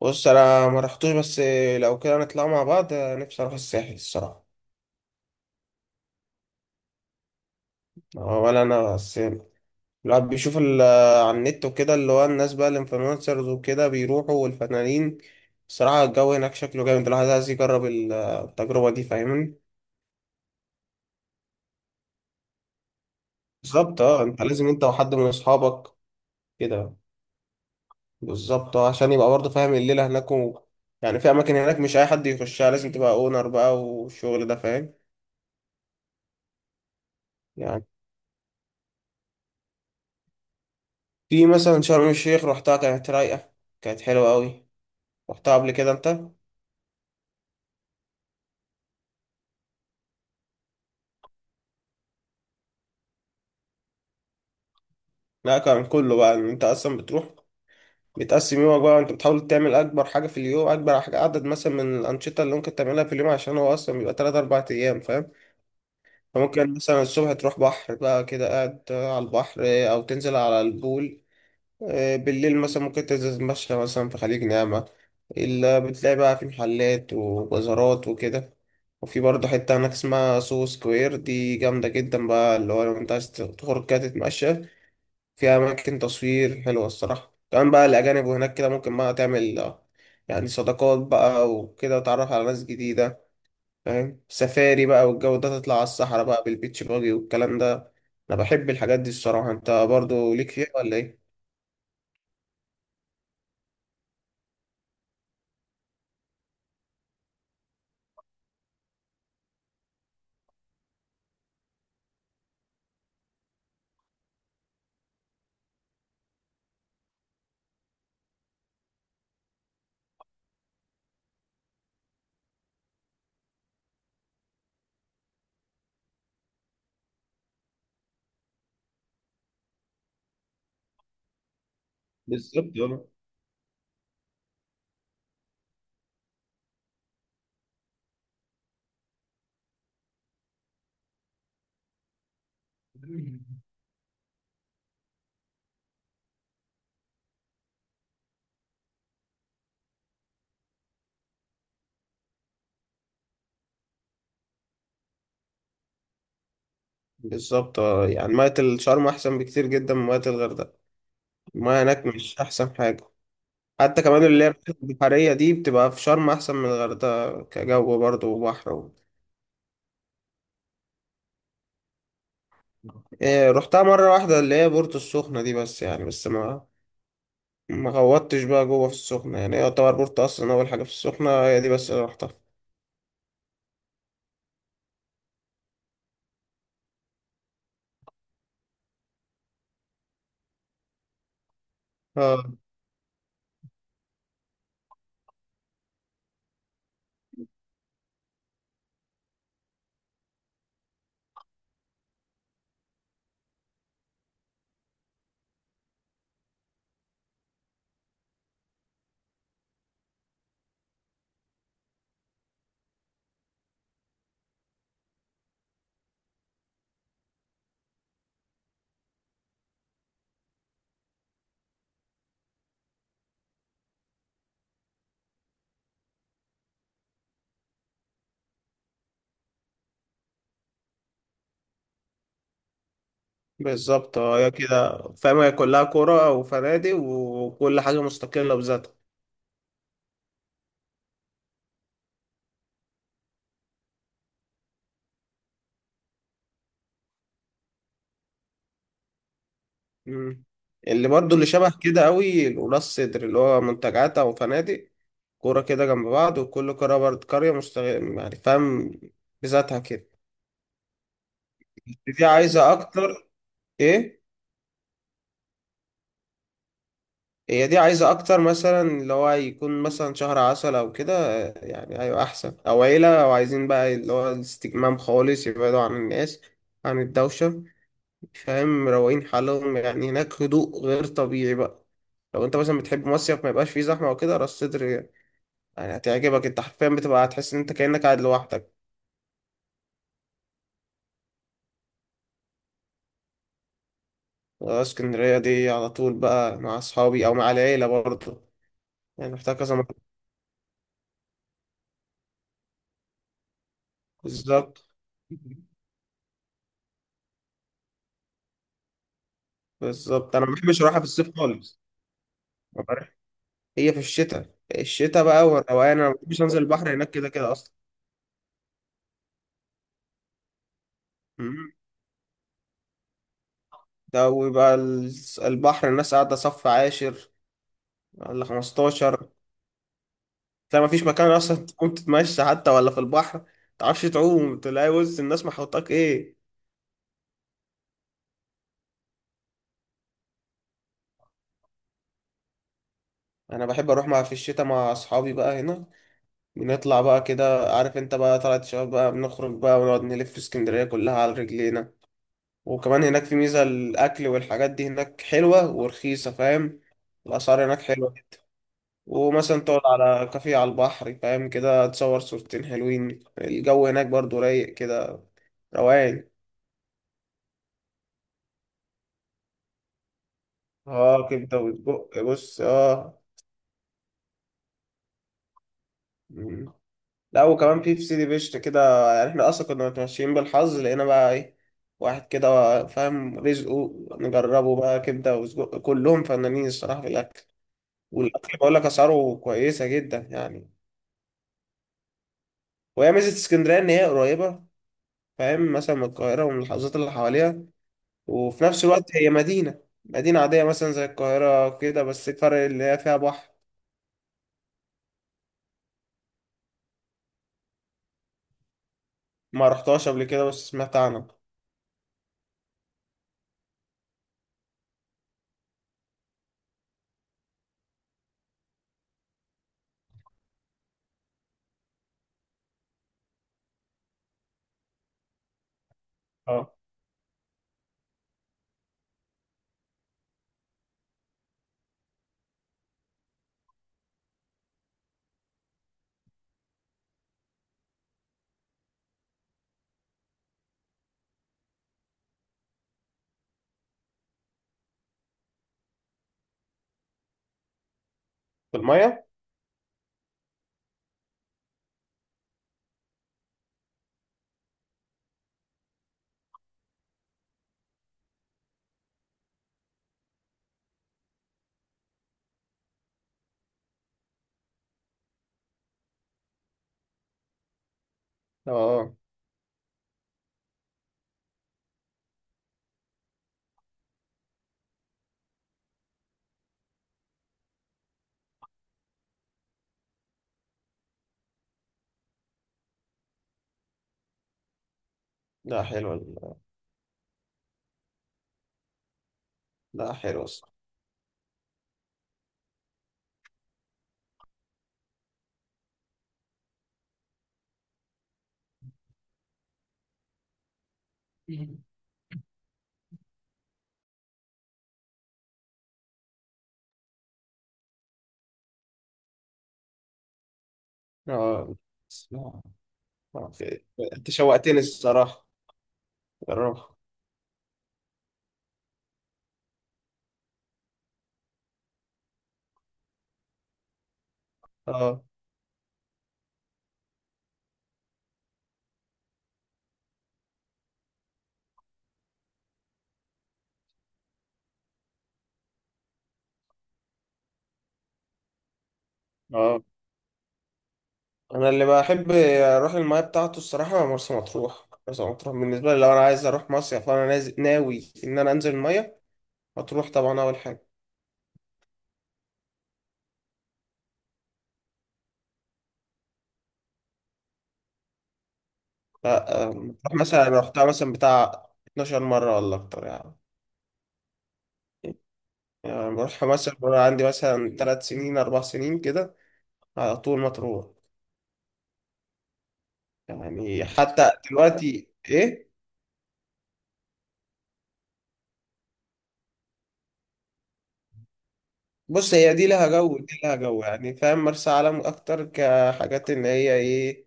بص، انا ما رحتوش. بس لو كده نطلع مع بعض، نفسي اروح الساحل الصراحه. ولا انا بس. الواحد بيشوف على النت وكده، اللي هو الناس بقى الانفلونسرز وكده بيروحوا والفنانين. الصراحه الجو هناك شكله جامد، الواحد عايز يجرب التجربه دي، فاهمني؟ بالظبط اه، انت لازم انت وحد من اصحابك. كده. بالظبط اه، عشان يبقى برضه فاهم الليله هناك يعني في اماكن هناك مش اي حد يخشها، لازم تبقى اونر بقى والشغل ده، فاهم. يعني في مثلا شرم الشيخ، روحتها كانت رايقة، كانت حلوة أوي. روحتها قبل كده أنت؟ لا، كان كله بقى إن أنت أصلا بتروح بتقسم يومك بقى، وأنت بتحاول تعمل أكبر حاجة في اليوم، أكبر حاجة عدد مثلا من الأنشطة اللي ممكن تعملها في اليوم، عشان هو أصلا بيبقى تلات أربع أيام، فاهم؟ فممكن مثلا الصبح تروح بحر بقى كده قاعد على البحر، أو تنزل على البول. بالليل مثلا ممكن تنزل تتمشى مثلا في خليج نعمة، اللي بتلاقي بقى في محلات وبازارات وكده. وفي برضه حتة هناك اسمها سو سكوير، دي جامدة جدا بقى، اللي هو لو انت عايز تخرج كده تتمشى. فيها أماكن تصوير حلوة الصراحة، كمان بقى الأجانب وهناك كده ممكن بقى تعمل يعني صداقات بقى وكده وتعرف على ناس جديدة، فاهم. سفاري بقى والجو ده، تطلع على الصحراء بقى بالبيتش باجي والكلام ده. أنا بحب الحاجات دي الصراحة، انت برضه ليك فيها ولا ايه؟ بالظبط. بالظبط، يعني مية الشرم أحسن بكتير جدا من مية الغردقة. المية هناك مش أحسن حاجة، حتى كمان اللي هي الحتة البحرية دي بتبقى في شرم أحسن من الغردقة كجو برضه وبحر إيه، رحتها مرة واحدة، اللي هي بورتو السخنة دي. بس يعني، بس ما غوطتش بقى جوه في السخنة، يعني هي يعتبر بورتو أصلا أول حاجة في السخنة، هي دي بس اللي رحتها. اه، بالظبط اه، هي كده فاهم، هي كلها كورة وفنادق وكل حاجة مستقلة بذاتها. مم. اللي برضو اللي شبه كده قوي القلاص صدر، اللي هو منتجعات او فنادق، كوره كده جنب بعض، وكل قرية برضو قرية مستغل يعني، فاهم، بذاتها كده. بس دي عايزة اكتر. ايه. هي دي عايزة اكتر مثلا، اللي هو يكون مثلا شهر عسل او كده، يعني ايوه احسن، او عيلة، او عايزين بقى اللي هو الاستجمام خالص، يبعدوا عن الناس عن الدوشة، فاهم، مروقين حالهم، يعني هناك هدوء غير طبيعي بقى. لو انت مثلا بتحب مصيف ما يبقاش فيه زحمة وكده، راس صدر يعني هتعجبك، انت حرفيا بتبقى هتحس ان انت كأنك قاعد لوحدك. اسكندرية دي على طول بقى مع اصحابي او مع العيلة برضه، يعني رحتها كذا مرة. بالظبط. بالظبط، انا ما بحبش اروحها في الصيف خالص، عارف؟ هي في الشتاء، الشتاء بقى والروقان، انا ما بحبش انزل البحر هناك كده كده اصلا. مم. ده ويبقى البحر الناس قاعدة صف عاشر ولا 15. تلاقي ما فيش مكان اصلا تقوم تتمشى حتى ولا في البحر، ما تعرفش تعوم، تلاقي وسط الناس محوطاك ايه. انا بحب اروح مع في الشتاء مع اصحابي بقى هنا، بنطلع بقى كده، عارف انت بقى، طلعت شباب بقى، بنخرج بقى ونقعد نلف في اسكندرية كلها على رجلينا. وكمان هناك في ميزة الاكل والحاجات دي هناك حلوة ورخيصة، فاهم، الاسعار هناك حلوة. ومثلا تقعد على كافيه على البحر، فاهم كده، تصور صورتين حلوين، الجو هناك برضو رايق كده، روقان. اه كبدة وسجق، بص اه. لا، وكمان في سيدي بشت كده، يعني احنا اصلا كنا متمشيين بالحظ لقينا بقى ايه، واحد كده، فاهم رزقه، نجربه بقى كبده وسجق، كلهم فنانين الصراحه في الاكل. والاكل بقول لك اسعاره كويسه جدا يعني. وهي ميزه اسكندريه ان هي قريبه، فاهم، مثلا من القاهره ومن الحظات اللي حواليها. وفي نفس الوقت هي مدينه، مدينه عاديه مثلا زي القاهره كده، بس الفرق اللي هي فيها بحر. ما رحتهاش قبل كده بس سمعت عنها. اه، في الميه. اه. لا حلوه. لا حلوه. اه. آه. آه. انت شوقتني الصراحة. الروح. اه. اه، انا اللي بحب اروح المايه بتاعته الصراحة مرسى مطروح. مرسى مطروح بالنسبة لي، لو انا عايز اروح مصيف، فانا نازل ناوي ان انا انزل المايه، مطروح طبعا اول حاجة. لا، مطروح مثلا رحتها مثلا بتاع 12 مرة ولا اكتر يعني. يعني بروحها مثلا وانا عندي مثلا 3 سنين 4 سنين كده، على طول مطروح. يعني حتى دلوقتي ايه. بص هي دي لها جو، دي لها جو يعني، فاهم، مرسى علم اكتر كحاجات ان هي ايه،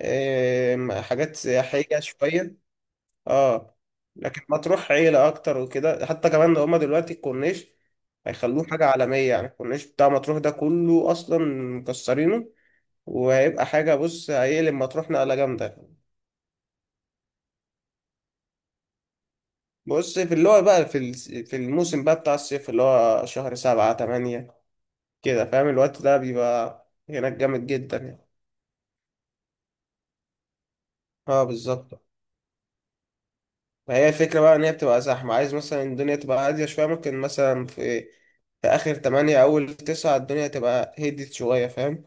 إيه حاجات سياحية شوية. اه. لكن مطروح عيلة اكتر وكده، حتى كمان ده هما دلوقتي الكورنيش هيخلوه حاجة عالمية. يعني الكورنيش بتاع مطروح ده كله اصلا مكسرينه، وهيبقى حاجة، بص هيقلب مطروح نقلة جامدة. بص في اللي هو بقى في الموسم بقى بتاع الصيف، اللي هو شهر سبعة تمانية كده، فاهم، الوقت ده بيبقى هناك جامد جدا يعني. اه بالظبط. ما هي الفكرة بقى إن هي بتبقى زحمة، عايز مثلا الدنيا تبقى هادية شوية، ممكن مثلا في آخر تمانية أول تسعة الدنيا تبقى هديت شوية، فاهم؟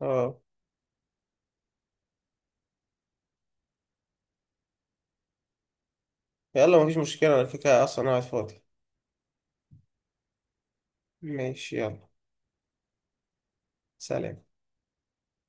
اه. يلا مفيش مشكلة، على فكرة أصلا أنا قاعد فاضي. ماشي يلا. سلام.